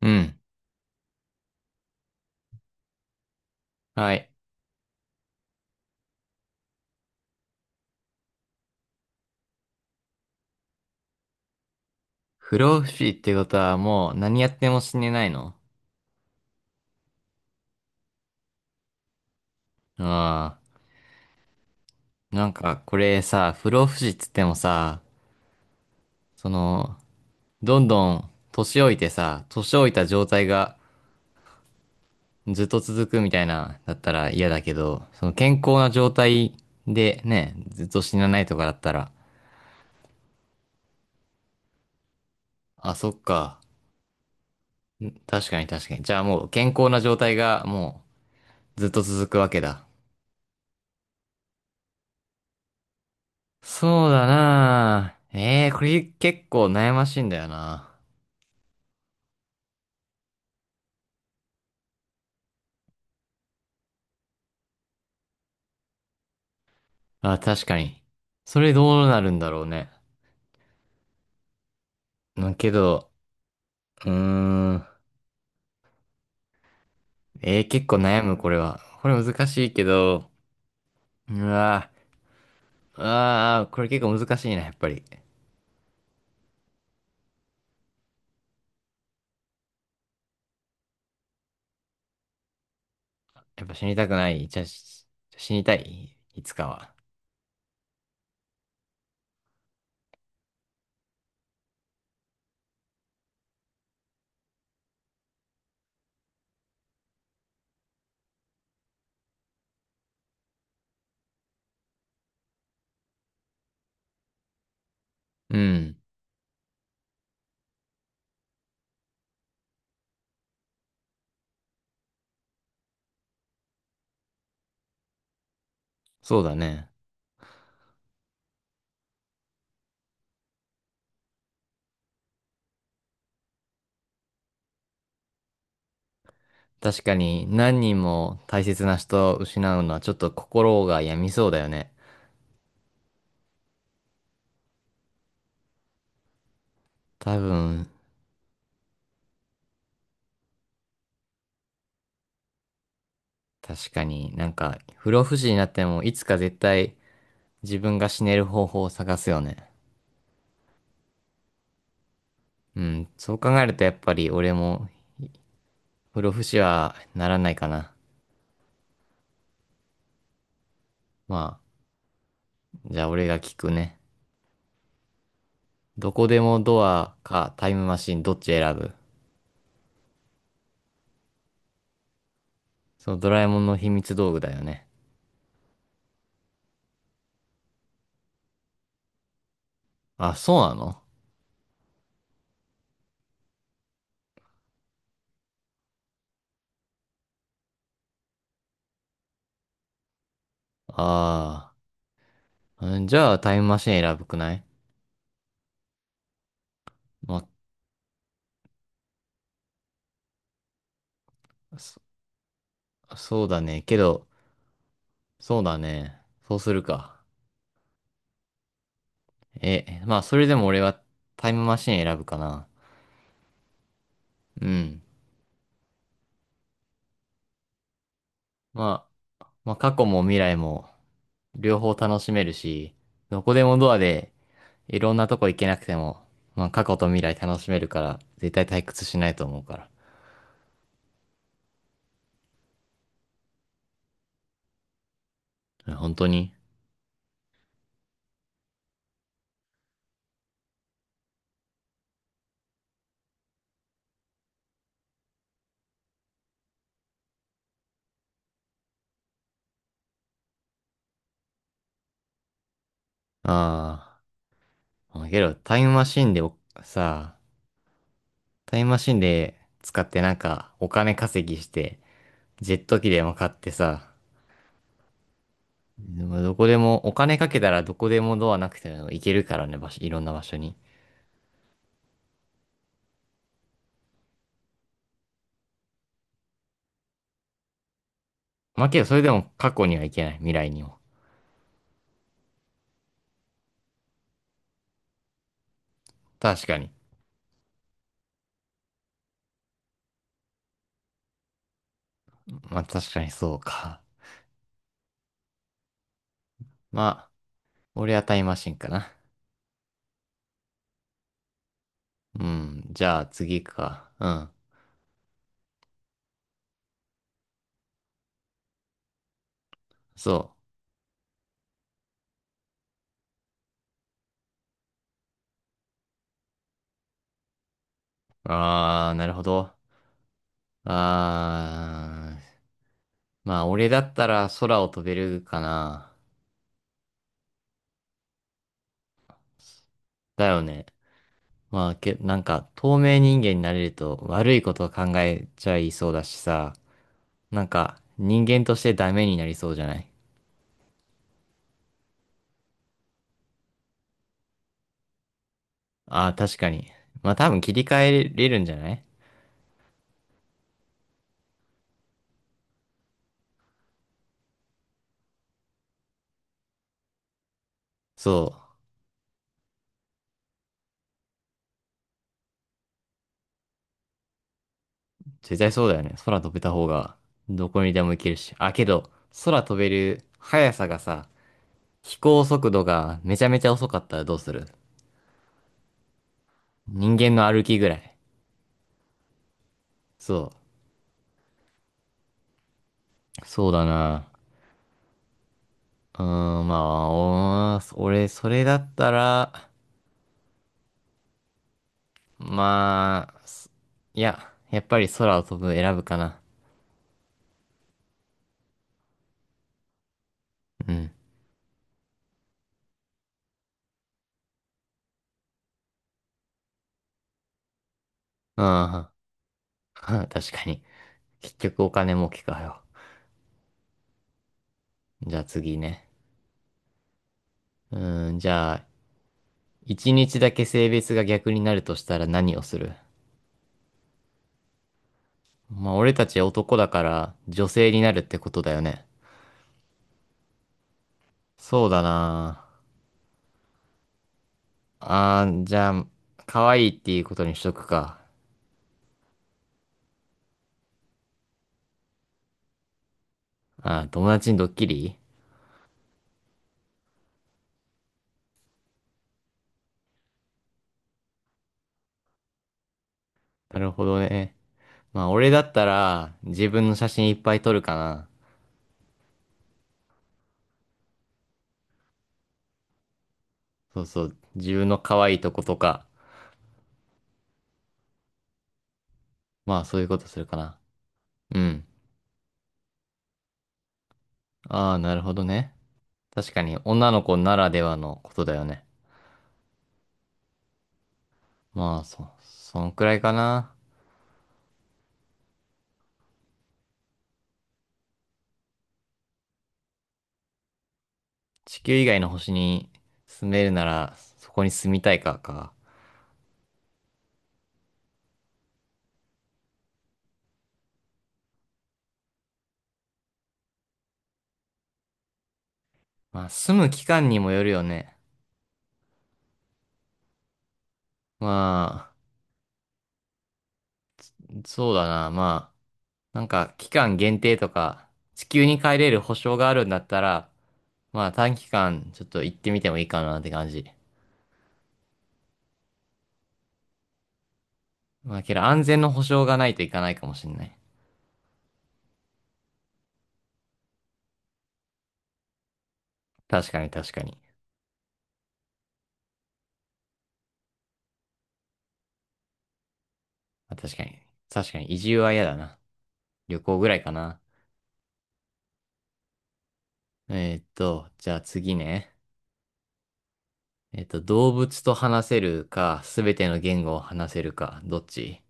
うん。はい。不老不死ってことはもう何やっても死ねないの？ああ。なんかこれさ、不老不死っつってもさ、その、どんどん年老いてさ、年老いた状態がずっと続くみたいな、だったら嫌だけど、その健康な状態でね、ずっと死なないとかだったら、あ、そっか。確かに確かに。じゃあもう健康な状態がもうずっと続くわけだ。そうだなあええー、これ結構悩ましいんだよな。あ、確かに。それどうなるんだろうね。けど、うーん。結構悩む、これは。これ難しいけど、うわー、あー、これ結構難しいな、やっぱり。やっぱ死にたくない。じゃあ、死にたい。いつかは。うん。そうだね。確かに、何人も大切な人を失うのはちょっと心が病みそうだよね。多分、確かになんか、不老不死になっても、いつか絶対自分が死ねる方法を探すよね。うん、そう考えるとやっぱり俺も不老不死はならないかな。まあ、じゃあ俺が聞くね。どこでもドアかタイムマシンどっち選ぶ？そのドラえもんの秘密道具だよね。あ、そうなの？ああー、うん、じゃあタイムマシン選ぶくない？まあ、そうだね。けど、そうだね。そうするか。え、まあそれでも俺はタイムマシン選ぶかな。うん。まあ、まあ、過去も未来も両方楽しめるし、どこでもドアでいろんなとこ行けなくても、まあ過去と未来楽しめるから、絶対退屈しないと思うから。本当に、ああ。けど、さタイムマシンで使ってなんかお金稼ぎして、ジェット機でも買ってさ、でもどこでも、お金かけたらどこでもドアなくても行けるからね、場所、いろんな場所に。まあけど、それでも過去には行けない、未来にも。確かに。まあ確かにそうか。まあ、俺はタイムマシンかな。うん、じゃあ次行くか。うん。そう。ああ、なるほど。ああ、まあ、俺だったら空を飛べるかな。だよね。まあ、なんか、透明人間になれると悪いことを考えちゃいそうだしさ、なんか、人間としてダメになりそうじゃない？ああー、確かに。まあ、多分切り替えれるんじゃない？そう。絶対そうだよね。空飛べた方が、どこにでも行けるし。あ、けど、空飛べる速さがさ、飛行速度がめちゃめちゃ遅かったらどうする？人間の歩きぐらい。そう。そうだな。うーん、まあ、俺、それだったら、まあ、いや、やっぱり空を飛ぶ選ぶかな。うん。ああ、確かに。結局お金儲けかよ。じゃあ次ね。うーん、じゃあ、一日だけ性別が逆になるとしたら何をする？まあ、俺たち男だから女性になるってことだよね。そうだな。あー、じゃあ、可愛いっていうことにしとくか。あー、友達にドッキリ。なるほどね。まあ、俺だったら、自分の写真いっぱい撮るかな。そうそう。自分の可愛いとことか。まあ、そういうことするかな。うん。ああ、なるほどね。確かに、女の子ならではのことだよね。まあ、そんくらいかな。地球以外の星に住めるなら、そこに住みたいか。まあ、住む期間にもよるよね。まあ、そうだな。まあ、なんか期間限定とか、地球に帰れる保証があるんだったら、まあ短期間ちょっと行ってみてもいいかなって感じ。まあけど安全の保証がないといかないかもしんない。確かに確かに。まあ確かに。確かに移住は嫌だな。旅行ぐらいかな。じゃあ次ね。動物と話せるか、すべての言語を話せるか、どっち？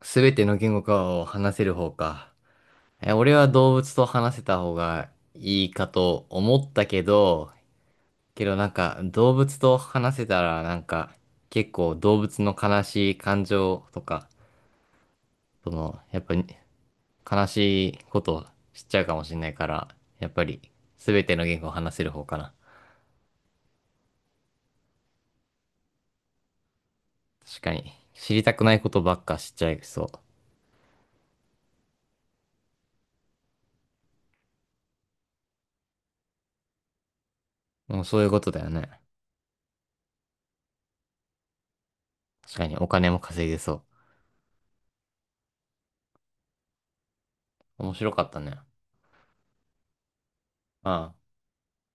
すべての言語かを話せる方か。え、俺は動物と話せた方がいいかと思ったけど、けどなんか動物と話せたらなんか結構動物の悲しい感情とか、そのやっぱり悲しいことを知っちゃうかもしれないから、やっぱり全ての言語を話せる方かな。確かに知りたくないことばっか知っちゃいそう。もうそういうことだよね。確かにお金も稼げそう。面白かったね。ああ。